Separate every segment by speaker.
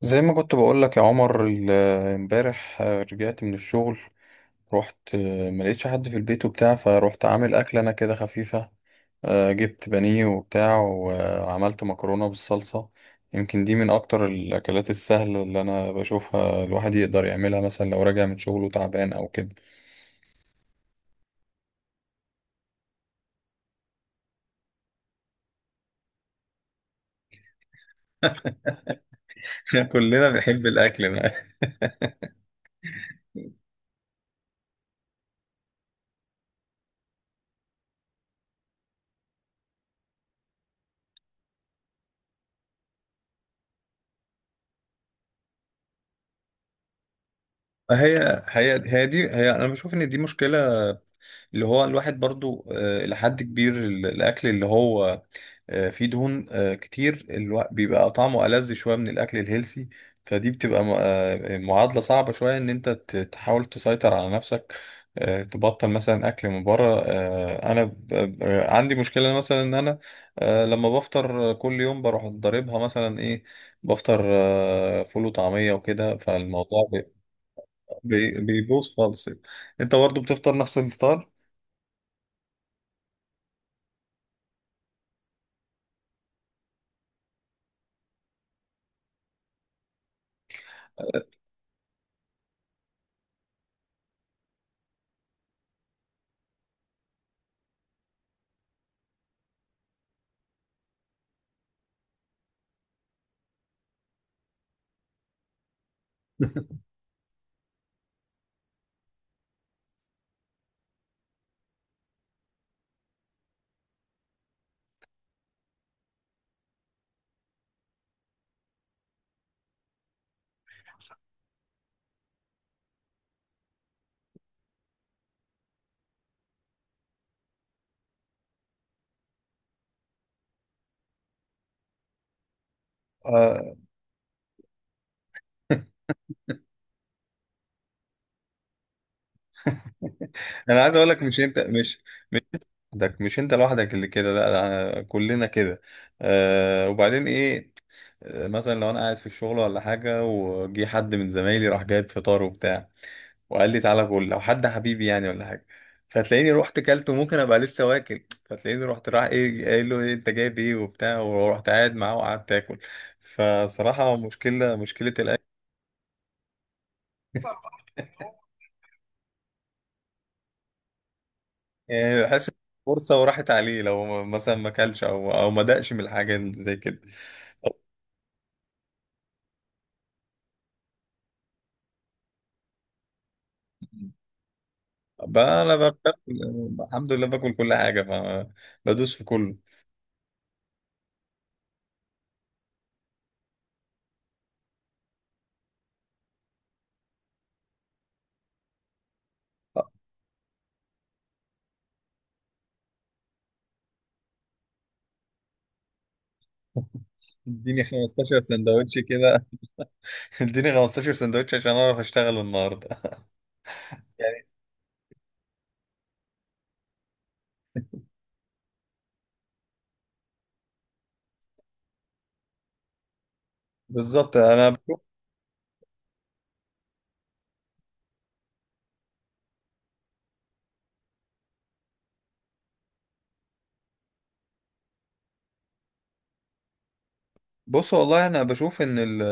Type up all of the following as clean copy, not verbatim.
Speaker 1: زي ما كنت بقول لك يا عمر، امبارح، رجعت من الشغل. رحت، ما لقيتش حد في البيت وبتاع، فروحت عامل اكله انا كده خفيفه. جبت بانيه وبتاع، وعملت مكرونه بالصلصه. يمكن دي من اكتر الاكلات السهله اللي انا بشوفها، الواحد يقدر يعملها مثلا لو راجع من شغله تعبان او كده. كلنا بنحب الاكل بقى. هي دي، هي انا بشوف ان دي مشكله. اللي هو الواحد برضو، لحد كبير، الاكل اللي هو في دهون كتير، بيبقى طعمه ألذ شوية من الأكل الهيلسي. فدي بتبقى معادلة صعبة شوية، إن أنت تحاول تسيطر على نفسك، تبطل مثلا أكل من بره. أنا عندي مشكلة مثلا، إن أنا لما بفطر كل يوم بروح ضاربها مثلا إيه؟ بفطر فول وطعمية وكده، فالموضوع بيبوظ خالص. أنت برضه بتفطر نفس الفطار؟ آه، انا عايز اقول لك، مش انت، مش ده مش انت لوحدك اللي كده، لا ده كلنا كده. وبعدين ايه؟ مثلا لو انا قاعد في الشغل ولا حاجه، وجي حد من زمايلي راح جايب فطار وبتاع، وقال لي تعالى كل، لو حد حبيبي يعني ولا حاجه، فتلاقيني رحت كلت، وممكن ابقى لسه واكل، فتلاقيني رحت راح ايه قايل له ايه انت جايب ايه وبتاع، ورحت قاعد معاه وقعدت اكل. فصراحه مشكله، مشكله الاكل. يعني بحس إن فرصه وراحت عليه، لو مثلا ما اكلش او ما دقش من الحاجه زي كده. بقى انا بقى، الحمد لله باكل كل حاجه، فبدوس في كله. اديني 15 سندوتش كده، اديني 15 سندوتش عشان اعرف اشتغل النهارده. يعني بالظبط، انا بشوف، بص والله انا بشوف ان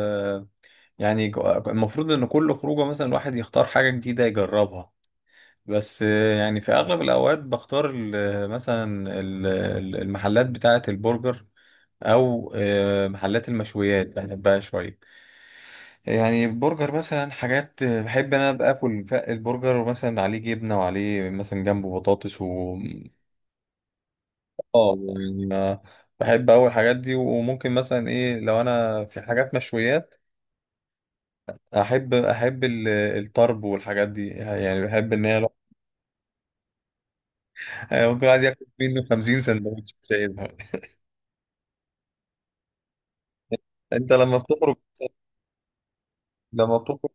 Speaker 1: يعني، المفروض ان كل خروجه مثلا الواحد يختار حاجه جديده يجربها. بس، يعني في اغلب الاوقات بختار مثلا، ال- المحلات بتاعه البرجر، او محلات المشويات بحبها شويه. يعني البرجر مثلا، حاجات بحب انا ابقى اكل، البرجر ومثلا عليه جبنه، وعليه مثلا جنبه بطاطس و اه، يعني بحب اول الحاجات دي. وممكن مثلا ايه، لو انا في حاجات مشويات، احب الطرب والحاجات دي، يعني بحب ان هي ممكن واحد ياكل منه 50 سندوتش مش عايزها. انت لما بتخرج، لما بتخرج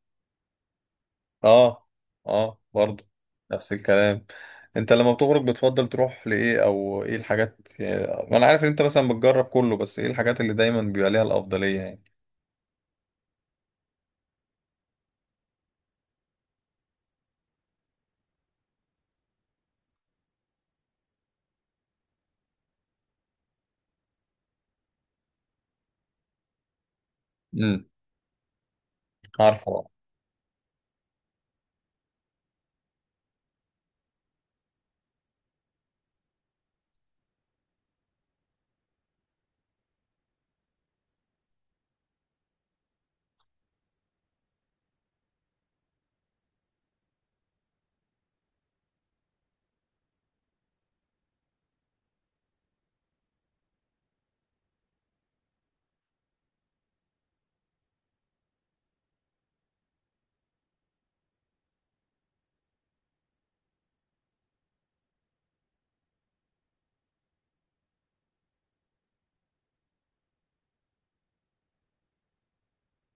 Speaker 1: اه، اه، برضو نفس الكلام. انت لما بتخرج بتفضل تروح لايه، او ايه الحاجات يعني؟ انا عارف ان انت مثلا بتجرب كله، بس ايه الحاجات اللي دايما بيبقى ليها الافضلية يعني؟ امم عارفه بقى.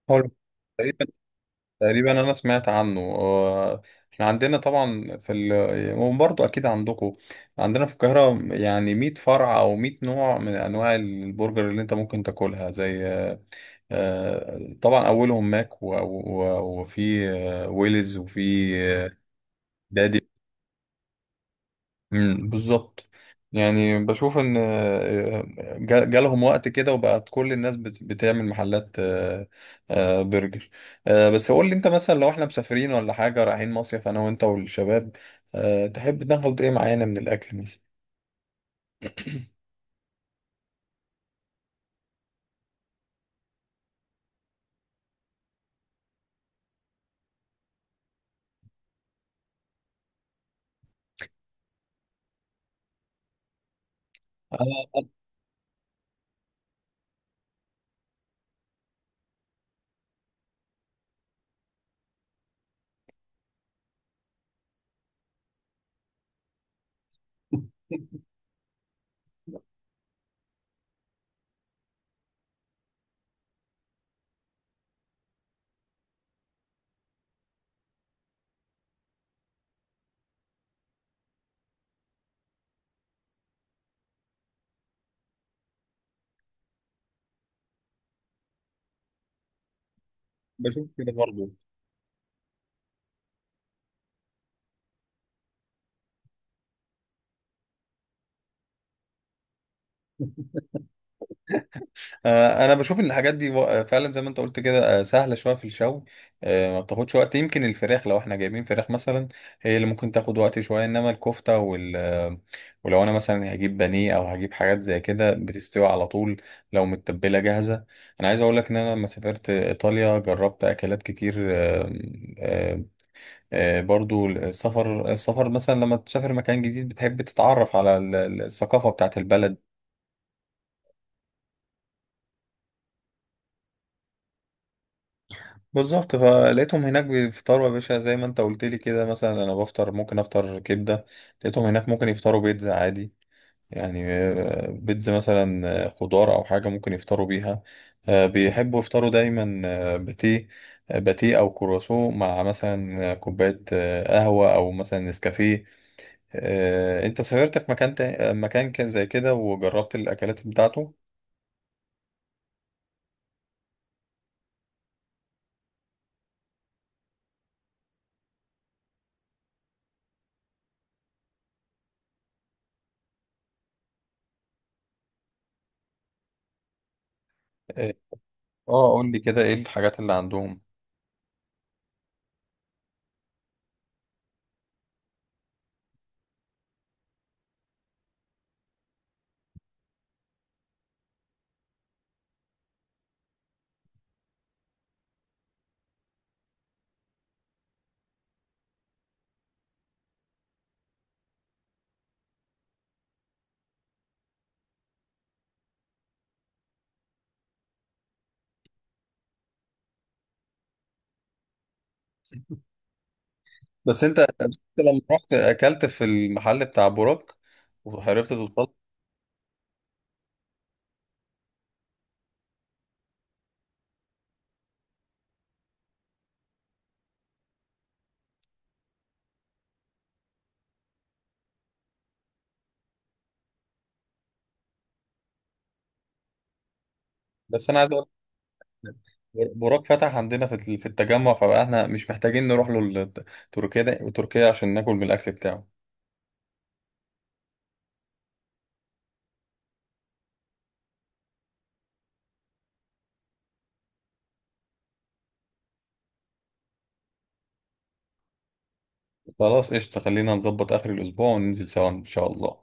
Speaker 1: حلو. تقريبا، تقريبا انا سمعت عنه، احنا عندنا طبعا في وبرضه اكيد عندكم. عندنا في القاهرة يعني 100 فرع او 100 نوع من انواع البرجر اللي انت ممكن تاكلها، زي طبعا اولهم ماك، وفي ويلز، وفي دادي. مم، بالظبط. يعني بشوف ان جالهم وقت كده، وبقت كل الناس بتعمل محلات، برجر. بس قول لي انت، مثلا لو احنا مسافرين ولا حاجه، رايحين مصيف انا وانت والشباب، تحب ناخد ايه معانا من الاكل مثلا؟ انا بشوف كده برضو. انا بشوف ان الحاجات دي فعلا زي ما انت قلت كده، سهله شويه في الشوي، ما بتاخدش وقت. يمكن الفراخ، لو احنا جايبين فراخ مثلا، هي اللي ممكن تاخد وقت شويه، انما الكفته وال آه، ولو انا مثلا هجيب بانيه او هجيب حاجات زي كده بتستوي على طول، لو متبله جاهزه. انا عايز اقول لك ان انا لما سافرت ايطاليا جربت اكلات كتير، آه، برضو السفر مثلا، لما تسافر مكان جديد بتحب تتعرف على الثقافه بتاعت البلد. بالظبط، فلقيتهم هناك بيفطروا يا باشا، زي ما انت قلت لي كده، مثلا انا بفطر ممكن افطر كبده، لقيتهم هناك ممكن يفطروا بيتزا عادي. يعني بيتزا مثلا، خضار او حاجه ممكن يفطروا بيها. بيحبوا يفطروا دايما، باتيه، باتيه او كرواسون، مع مثلا كوبايه قهوه، او مثلا نسكافيه. انت سافرت في مكان مكان كان زي كده وجربت الاكلات بتاعته؟ اه، قول لي كده، ايه الحاجات اللي عندهم؟ بس انت، بس انت لما رحت اكلت في المحل بتاع بوراك وعرفت توصل؟ بس انا عايز اقول لك، بوراك فتح عندنا في التجمع، فبقى احنا مش محتاجين نروح له تركيا ده، وتركيا عشان ناكل من الاكل بتاعه. خلاص قشطه، خلينا نظبط اخر الاسبوع وننزل سوا ان شاء الله.